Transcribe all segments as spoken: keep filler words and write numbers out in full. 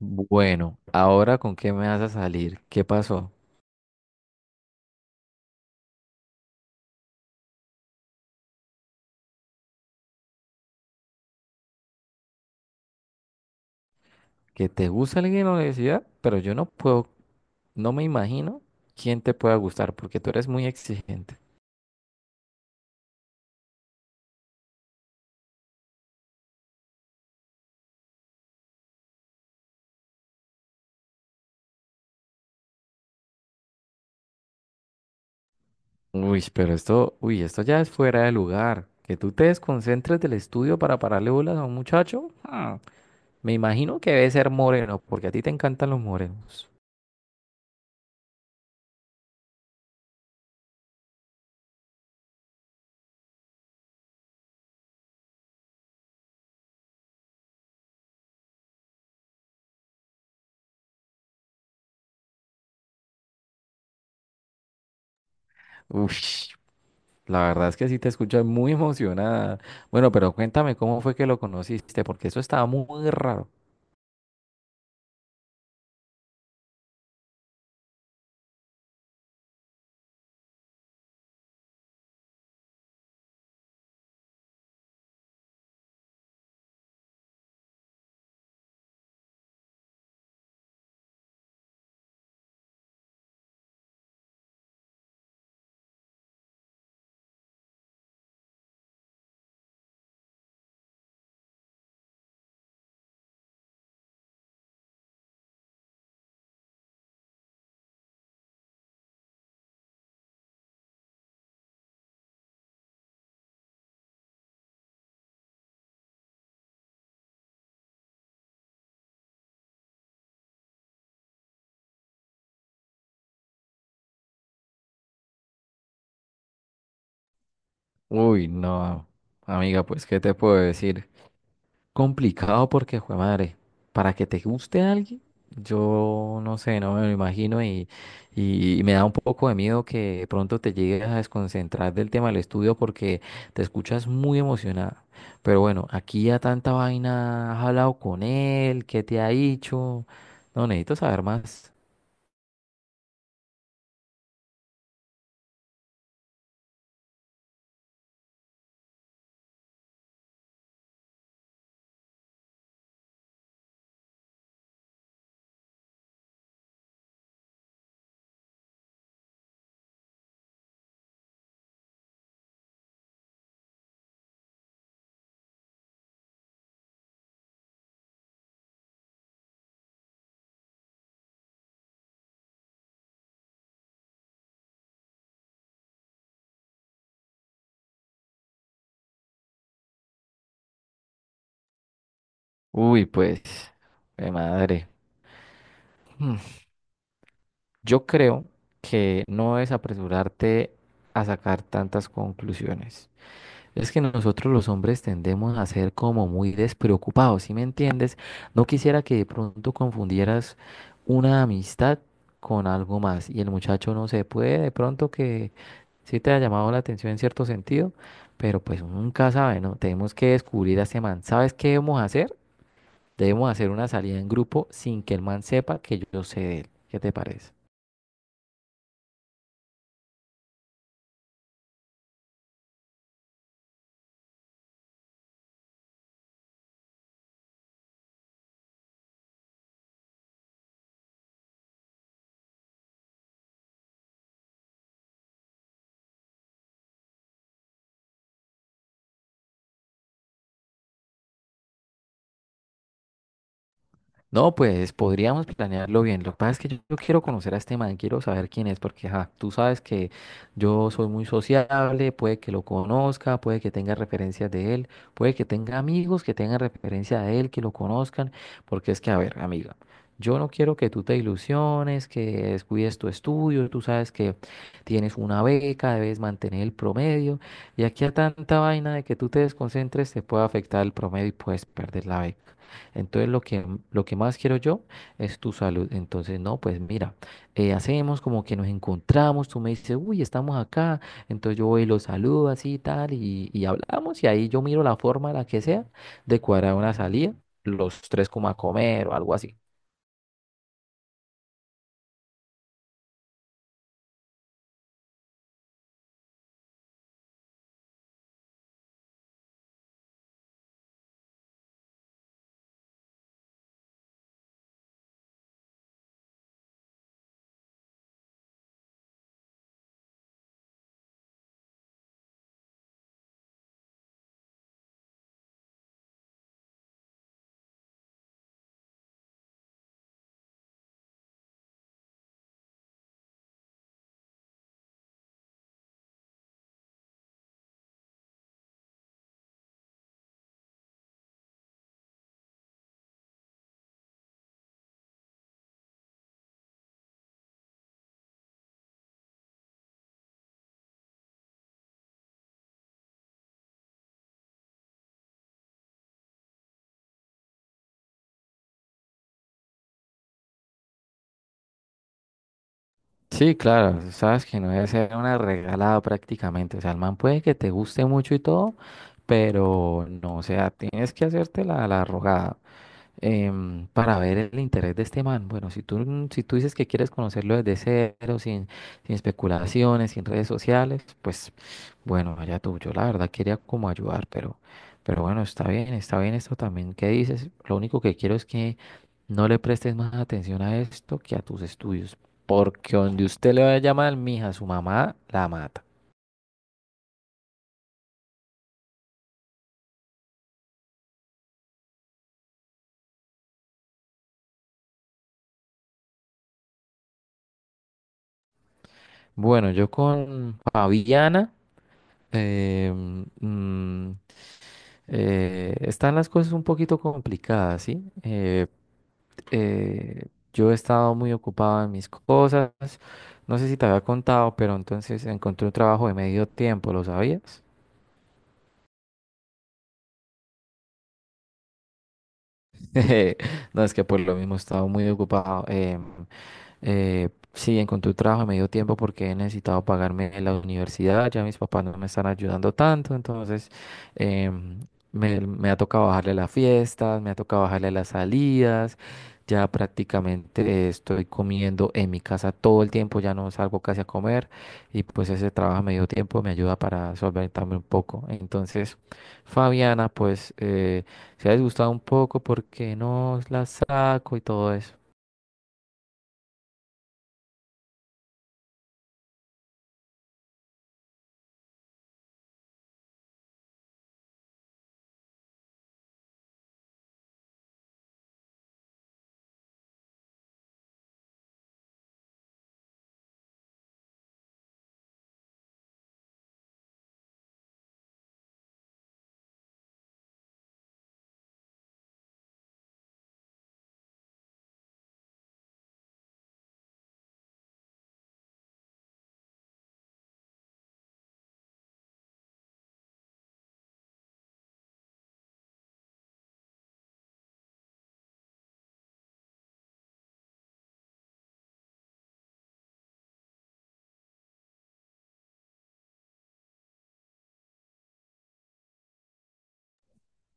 Bueno, ahora con qué me vas a salir. ¿Qué pasó? Que te gusta alguien en la universidad, pero yo no puedo, no me imagino quién te pueda gustar porque tú eres muy exigente. Uy, pero esto, uy, esto ya es fuera de lugar. Que tú te desconcentres del estudio para pararle bolas a un muchacho. Ah, me imagino que debe ser moreno porque a ti te encantan los morenos. Uy, la verdad es que sí te escuchas muy emocionada. Bueno, pero cuéntame cómo fue que lo conociste porque eso estaba muy raro. Uy, no, amiga, pues, ¿qué te puedo decir? Complicado porque, jue madre, para que te guste alguien, yo no sé, no me lo imagino y, y me da un poco de miedo que de pronto te llegues a desconcentrar del tema del estudio porque te escuchas muy emocionada. Pero bueno, aquí ya tanta vaina, has hablado con él, ¿qué te ha dicho? No, necesito saber más. Uy, pues, jue madre. Yo creo que no es apresurarte a sacar tantas conclusiones. Es que nosotros los hombres tendemos a ser como muy despreocupados, ¿sí me entiendes? No quisiera que de pronto confundieras una amistad con algo más y el muchacho no se puede, de pronto que sí te ha llamado la atención en cierto sentido, pero pues uno nunca sabe, ¿no? Tenemos que descubrir a ese man. ¿Sabes qué debemos hacer? Debemos hacer una salida en grupo sin que el man sepa que yo sé de él. ¿Qué te parece? No, pues podríamos planearlo bien. Lo que pasa es que yo, yo quiero conocer a este man, quiero saber quién es, porque ajá, tú sabes que yo soy muy sociable, puede que lo conozca, puede que tenga referencias de él, puede que tenga amigos que tengan referencia de él, que lo conozcan, porque es que, a ver, amiga, yo no quiero que tú te ilusiones, que descuides tu estudio, tú sabes que tienes una beca, debes mantener el promedio, y aquí a tanta vaina de que tú te desconcentres te puede afectar el promedio y puedes perder la beca. Entonces lo que, lo que más quiero yo es tu salud. Entonces, no, pues mira, eh, hacemos como que nos encontramos, tú me dices, uy, estamos acá. Entonces yo voy y lo saludo así y tal, y, y hablamos, y ahí yo miro la forma, la que sea, de cuadrar una salida, los tres como a comer o algo así. Sí, claro, sabes que no debe ser una regalada prácticamente. O sea, el man puede que te guste mucho y todo, pero no, o sea, tienes que hacerte la, la rogada em, para ver el interés de este man. Bueno, si tú, n- si tú dices que quieres conocerlo desde cero, sin, sin especulaciones, sin redes sociales, pues bueno, allá tú. Yo la verdad quería como ayudar, pero, pero bueno, está bien, está bien esto también que dices. Lo único que quiero es que no le prestes más atención a esto que a tus estudios, porque donde usted le vaya a llamar, mija, su mamá la mata. Bueno, yo con Fabiana, eh, Eh, están las cosas un poquito complicadas, ¿sí? Eh, eh, yo he estado muy ocupado en mis cosas. No sé si te había contado, pero entonces encontré un trabajo de medio tiempo, ¿lo sabías? No, es que por lo mismo he estado muy ocupado. em, Eh, sí, encontré un trabajo a medio tiempo porque he necesitado pagarme la universidad, ya mis papás no me están ayudando tanto, entonces em, me, me ha tocado bajarle las fiestas, me ha tocado bajarle las salidas, ya prácticamente estoy comiendo en mi casa todo el tiempo, ya no salgo casi a comer y pues ese trabajo a medio tiempo me ayuda para solventarme un poco. Entonces, Fabiana, pues eh, se ha disgustado un poco porque no la saco y todo eso.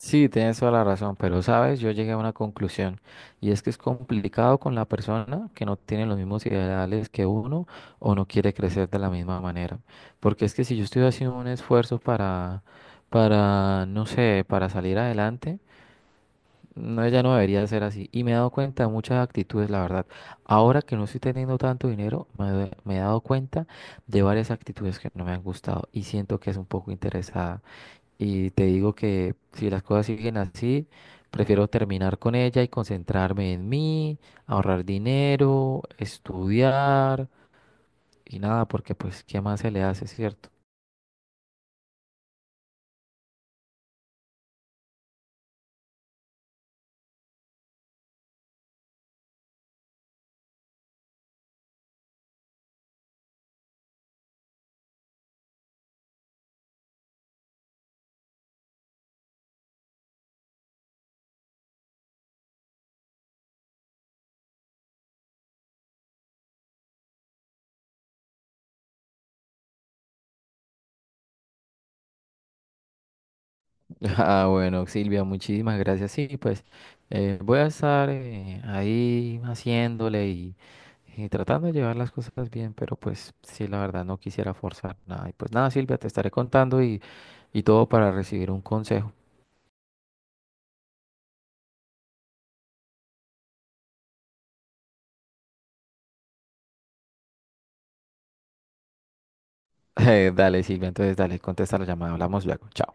Sí, tienes toda la razón, pero sabes, yo llegué a una conclusión y es que es complicado con la persona que no tiene los mismos ideales que uno o no quiere crecer de la misma manera. Porque es que si yo estoy haciendo un esfuerzo para, para, no sé, para salir adelante, no, ya no debería ser así. Y me he dado cuenta de muchas actitudes, la verdad. Ahora que no estoy teniendo tanto dinero, me, doy- me he dado cuenta de varias actitudes que no me han gustado y siento que es un poco interesada. Y te digo que si las cosas siguen así, prefiero terminar con ella y concentrarme en mí, ahorrar dinero, estudiar y nada, porque pues, ¿qué más se le hace, cierto? Ah, bueno, Silvia, muchísimas gracias. Sí, pues eh, voy a estar eh, ahí haciéndole y, y tratando de llevar las cosas bien, pero pues sí, la verdad no quisiera forzar nada. Y pues nada, Silvia, te estaré contando y, y todo para recibir un consejo. Dale, Silvia, entonces dale, contesta la llamada, hablamos luego, chao.